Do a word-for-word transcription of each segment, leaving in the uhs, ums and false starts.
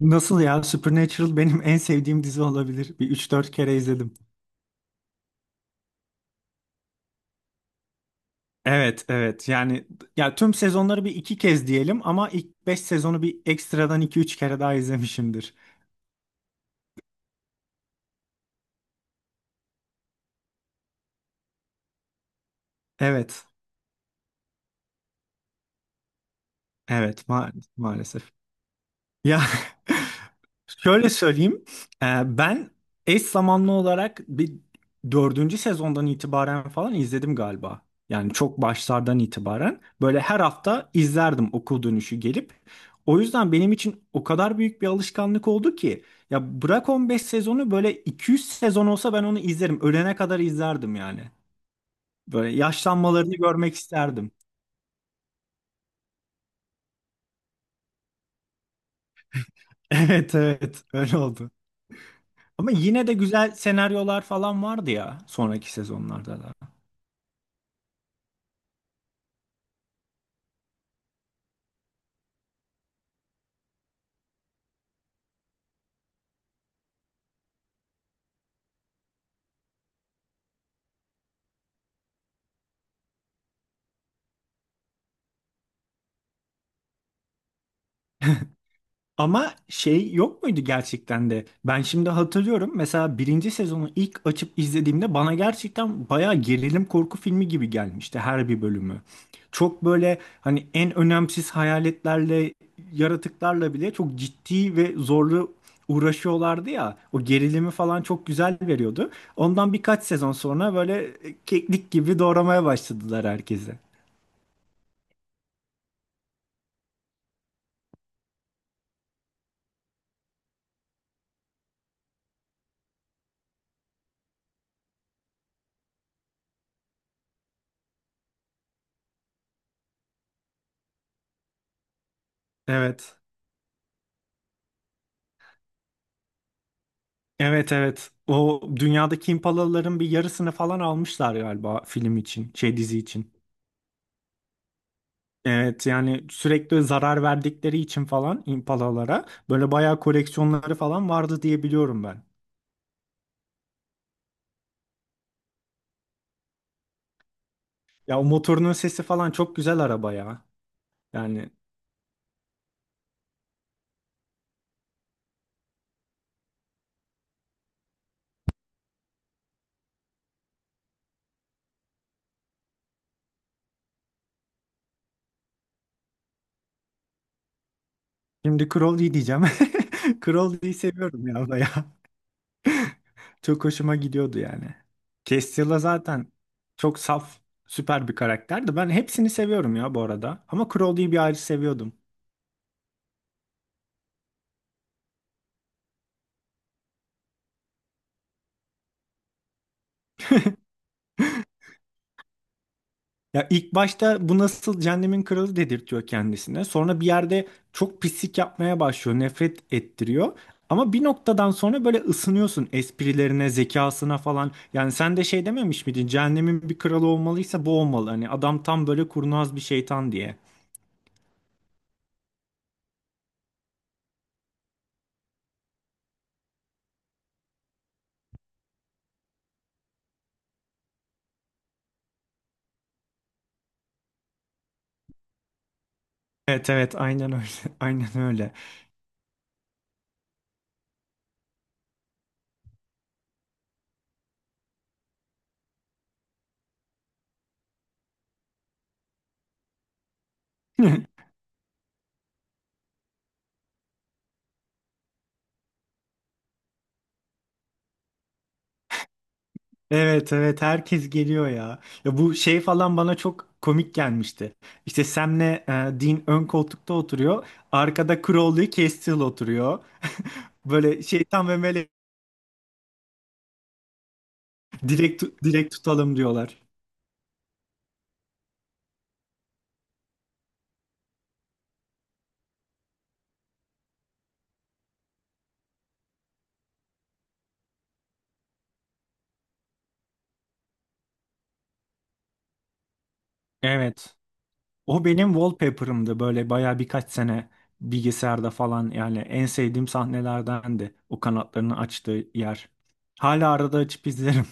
Nasıl ya? Supernatural benim en sevdiğim dizi olabilir. Bir üç dört kere izledim. Evet, evet. Yani ya tüm sezonları bir iki kez diyelim ama ilk beş sezonu bir ekstradan iki üç kere daha izlemişimdir. Evet, evet, ma maalesef. Ya, şöyle söyleyeyim. Ee, ben eş zamanlı olarak bir dördüncü sezondan itibaren falan izledim galiba. Yani çok başlardan itibaren. Böyle her hafta izlerdim okul dönüşü gelip. O yüzden benim için o kadar büyük bir alışkanlık oldu ki. Ya bırak on beş sezonu, böyle iki yüz sezon olsa ben onu izlerim. Ölene kadar izlerdim yani. Böyle yaşlanmalarını görmek isterdim. Evet, evet, öyle oldu. Ama yine de güzel senaryolar falan vardı ya sonraki sezonlarda da. Ama şey yok muydu gerçekten de? Ben şimdi hatırlıyorum, mesela birinci sezonu ilk açıp izlediğimde bana gerçekten bayağı gerilim korku filmi gibi gelmişti her bir bölümü. Çok böyle hani en önemsiz hayaletlerle, yaratıklarla bile çok ciddi ve zorlu uğraşıyorlardı ya. O gerilimi falan çok güzel veriyordu. Ondan birkaç sezon sonra böyle keklik gibi doğramaya başladılar herkese. Evet. Evet, evet. O dünyadaki impalaların bir yarısını falan almışlar galiba film için, şey dizi için. Evet, yani sürekli zarar verdikleri için falan impalalara böyle bayağı koleksiyonları falan vardı diye biliyorum ben. Ya o motorunun sesi falan çok güzel araba ya. Yani şimdi Crowley diyeceğim. Crowley'i seviyorum ya bayağı. Çok hoşuma gidiyordu yani. Castiel'la zaten çok saf, süper bir karakterdi. Ben hepsini seviyorum ya bu arada. Ama Crowley'i bir ayrı seviyordum. Ya ilk başta bu nasıl cehennemin kralı dedirtiyor kendisine. Sonra bir yerde çok pislik yapmaya başlıyor, nefret ettiriyor. Ama bir noktadan sonra böyle ısınıyorsun esprilerine, zekasına falan. Yani sen de şey dememiş miydin? Cehennemin bir kralı olmalıysa bu olmalı. Hani adam tam böyle kurnaz bir şeytan diye. Evet, evet, aynen öyle. Aynen öyle. Evet, evet, herkes geliyor ya. Ya bu şey falan bana çok komik gelmişti. İşte Sam'le e, Dean ön koltukta oturuyor. Arkada Crowley, Castiel oturuyor. Böyle şeytan ve melek direkt direkt tutalım diyorlar. Evet. O benim wallpaper'ımdı böyle bayağı birkaç sene bilgisayarda falan, yani en sevdiğim sahnelerdendi. O kanatlarını açtığı yer. Hala arada açıp izlerim.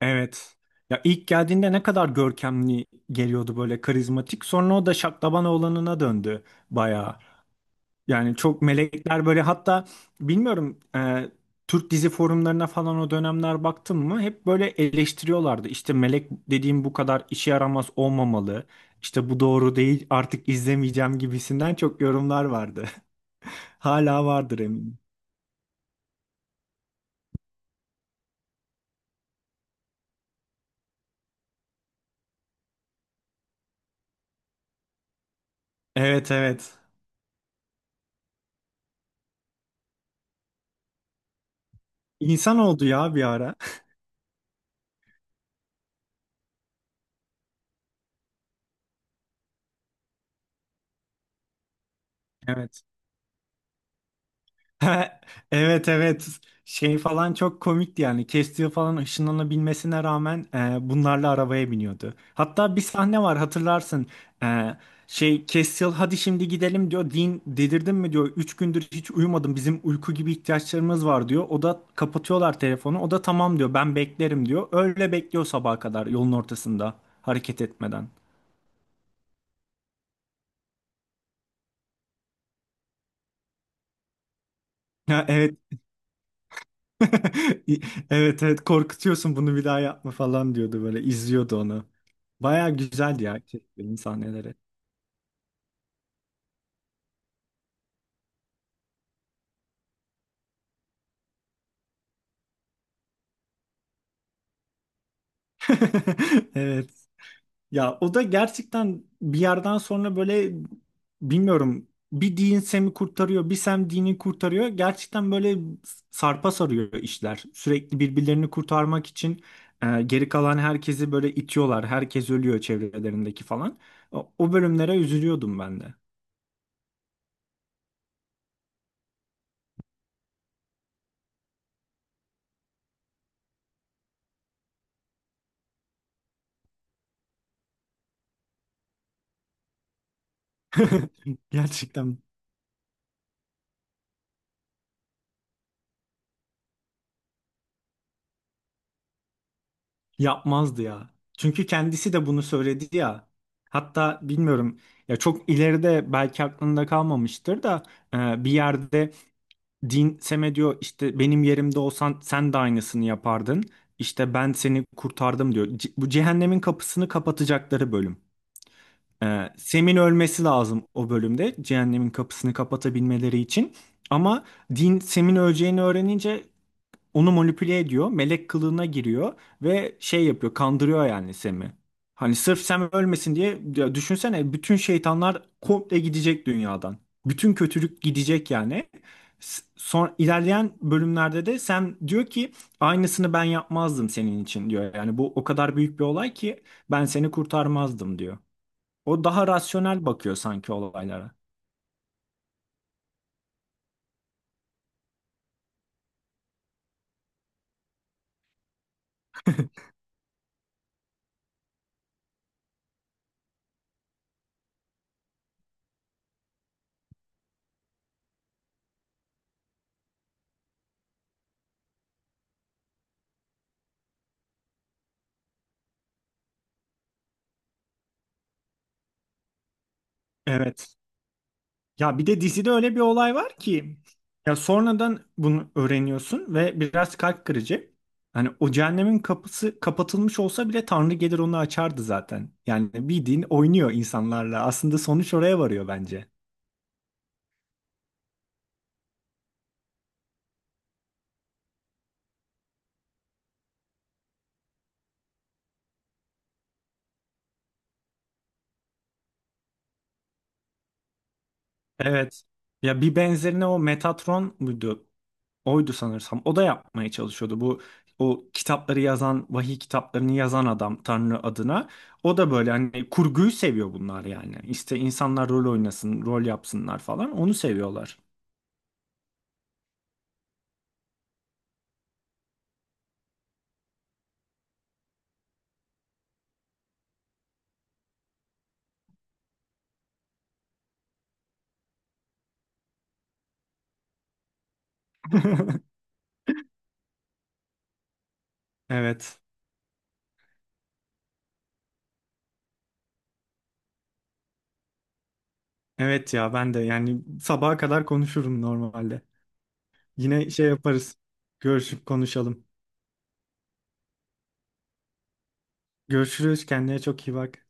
Evet. Ya ilk geldiğinde ne kadar görkemli geliyordu, böyle karizmatik. Sonra o da şaklaban oğlanına döndü bayağı. Yani çok melekler böyle, hatta bilmiyorum, e, Türk dizi forumlarına falan o dönemler baktım mı hep böyle eleştiriyorlardı. İşte melek dediğim bu kadar işe yaramaz olmamalı. İşte bu doğru değil, artık izlemeyeceğim gibisinden çok yorumlar vardı. Hala vardır eminim. Evet, evet. İnsan oldu ya bir ara. Evet. Evet, evet, şey falan çok komikti, yani kestiği falan ışınlanabilmesine rağmen e, bunlarla arabaya biniyordu. Hatta bir sahne var, hatırlarsın. E, Şey Castiel hadi şimdi gidelim diyor, Dean delirdin mi diyor, üç gündür hiç uyumadım, bizim uyku gibi ihtiyaçlarımız var diyor. O da kapatıyorlar telefonu, o da tamam diyor, ben beklerim diyor, öyle bekliyor sabaha kadar yolun ortasında hareket etmeden. Ha, evet. Evet, evet, korkutuyorsun bunu, bir daha yapma falan diyordu, böyle izliyordu onu. Baya güzeldi ya çektiğim sahneleri. Evet. Ya o da gerçekten bir yerden sonra böyle, bilmiyorum, bir Dean Sam'i kurtarıyor, bir Sam Dean'i kurtarıyor. Gerçekten böyle sarpa sarıyor işler. Sürekli birbirlerini kurtarmak için e, geri kalan herkesi böyle itiyorlar. Herkes ölüyor çevrelerindeki falan. O, o bölümlere üzülüyordum ben de. Gerçekten. Yapmazdı ya. Çünkü kendisi de bunu söyledi ya. Hatta bilmiyorum, ya çok ileride belki aklında kalmamıştır da, e, bir yerde din Sem'e diyor, işte benim yerimde olsan sen de aynısını yapardın. İşte ben seni kurtardım diyor. C- bu cehennemin kapısını kapatacakları bölüm. E, Sem'in ölmesi lazım o bölümde cehennemin kapısını kapatabilmeleri için. Ama din Sem'in öleceğini öğrenince onu manipüle ediyor. Melek kılığına giriyor ve şey yapıyor, kandırıyor yani Sem'i. Hani sırf Sem ölmesin diye, ya düşünsene bütün şeytanlar komple gidecek dünyadan. Bütün kötülük gidecek yani. S- Son ilerleyen bölümlerde de Sem diyor ki aynısını ben yapmazdım senin için diyor. Yani bu o kadar büyük bir olay ki ben seni kurtarmazdım diyor. O daha rasyonel bakıyor sanki olaylara. Evet. Ya bir de dizide öyle bir olay var ki, ya sonradan bunu öğreniyorsun ve biraz kalp kırıcı. Hani o cehennemin kapısı kapatılmış olsa bile Tanrı gelir onu açardı zaten. Yani bildiğin oynuyor insanlarla. Aslında sonuç oraya varıyor bence. Evet. Ya bir benzerine, o Metatron muydu? Oydu sanırsam. O da yapmaya çalışıyordu. Bu o kitapları yazan, vahiy kitaplarını yazan adam Tanrı adına. O da böyle hani kurguyu seviyor bunlar yani. İşte insanlar rol oynasın, rol yapsınlar falan. Onu seviyorlar. Evet. Evet ya, ben de yani sabaha kadar konuşurum normalde. Yine şey yaparız. Görüşüp konuşalım. Görüşürüz. Kendine çok iyi bak.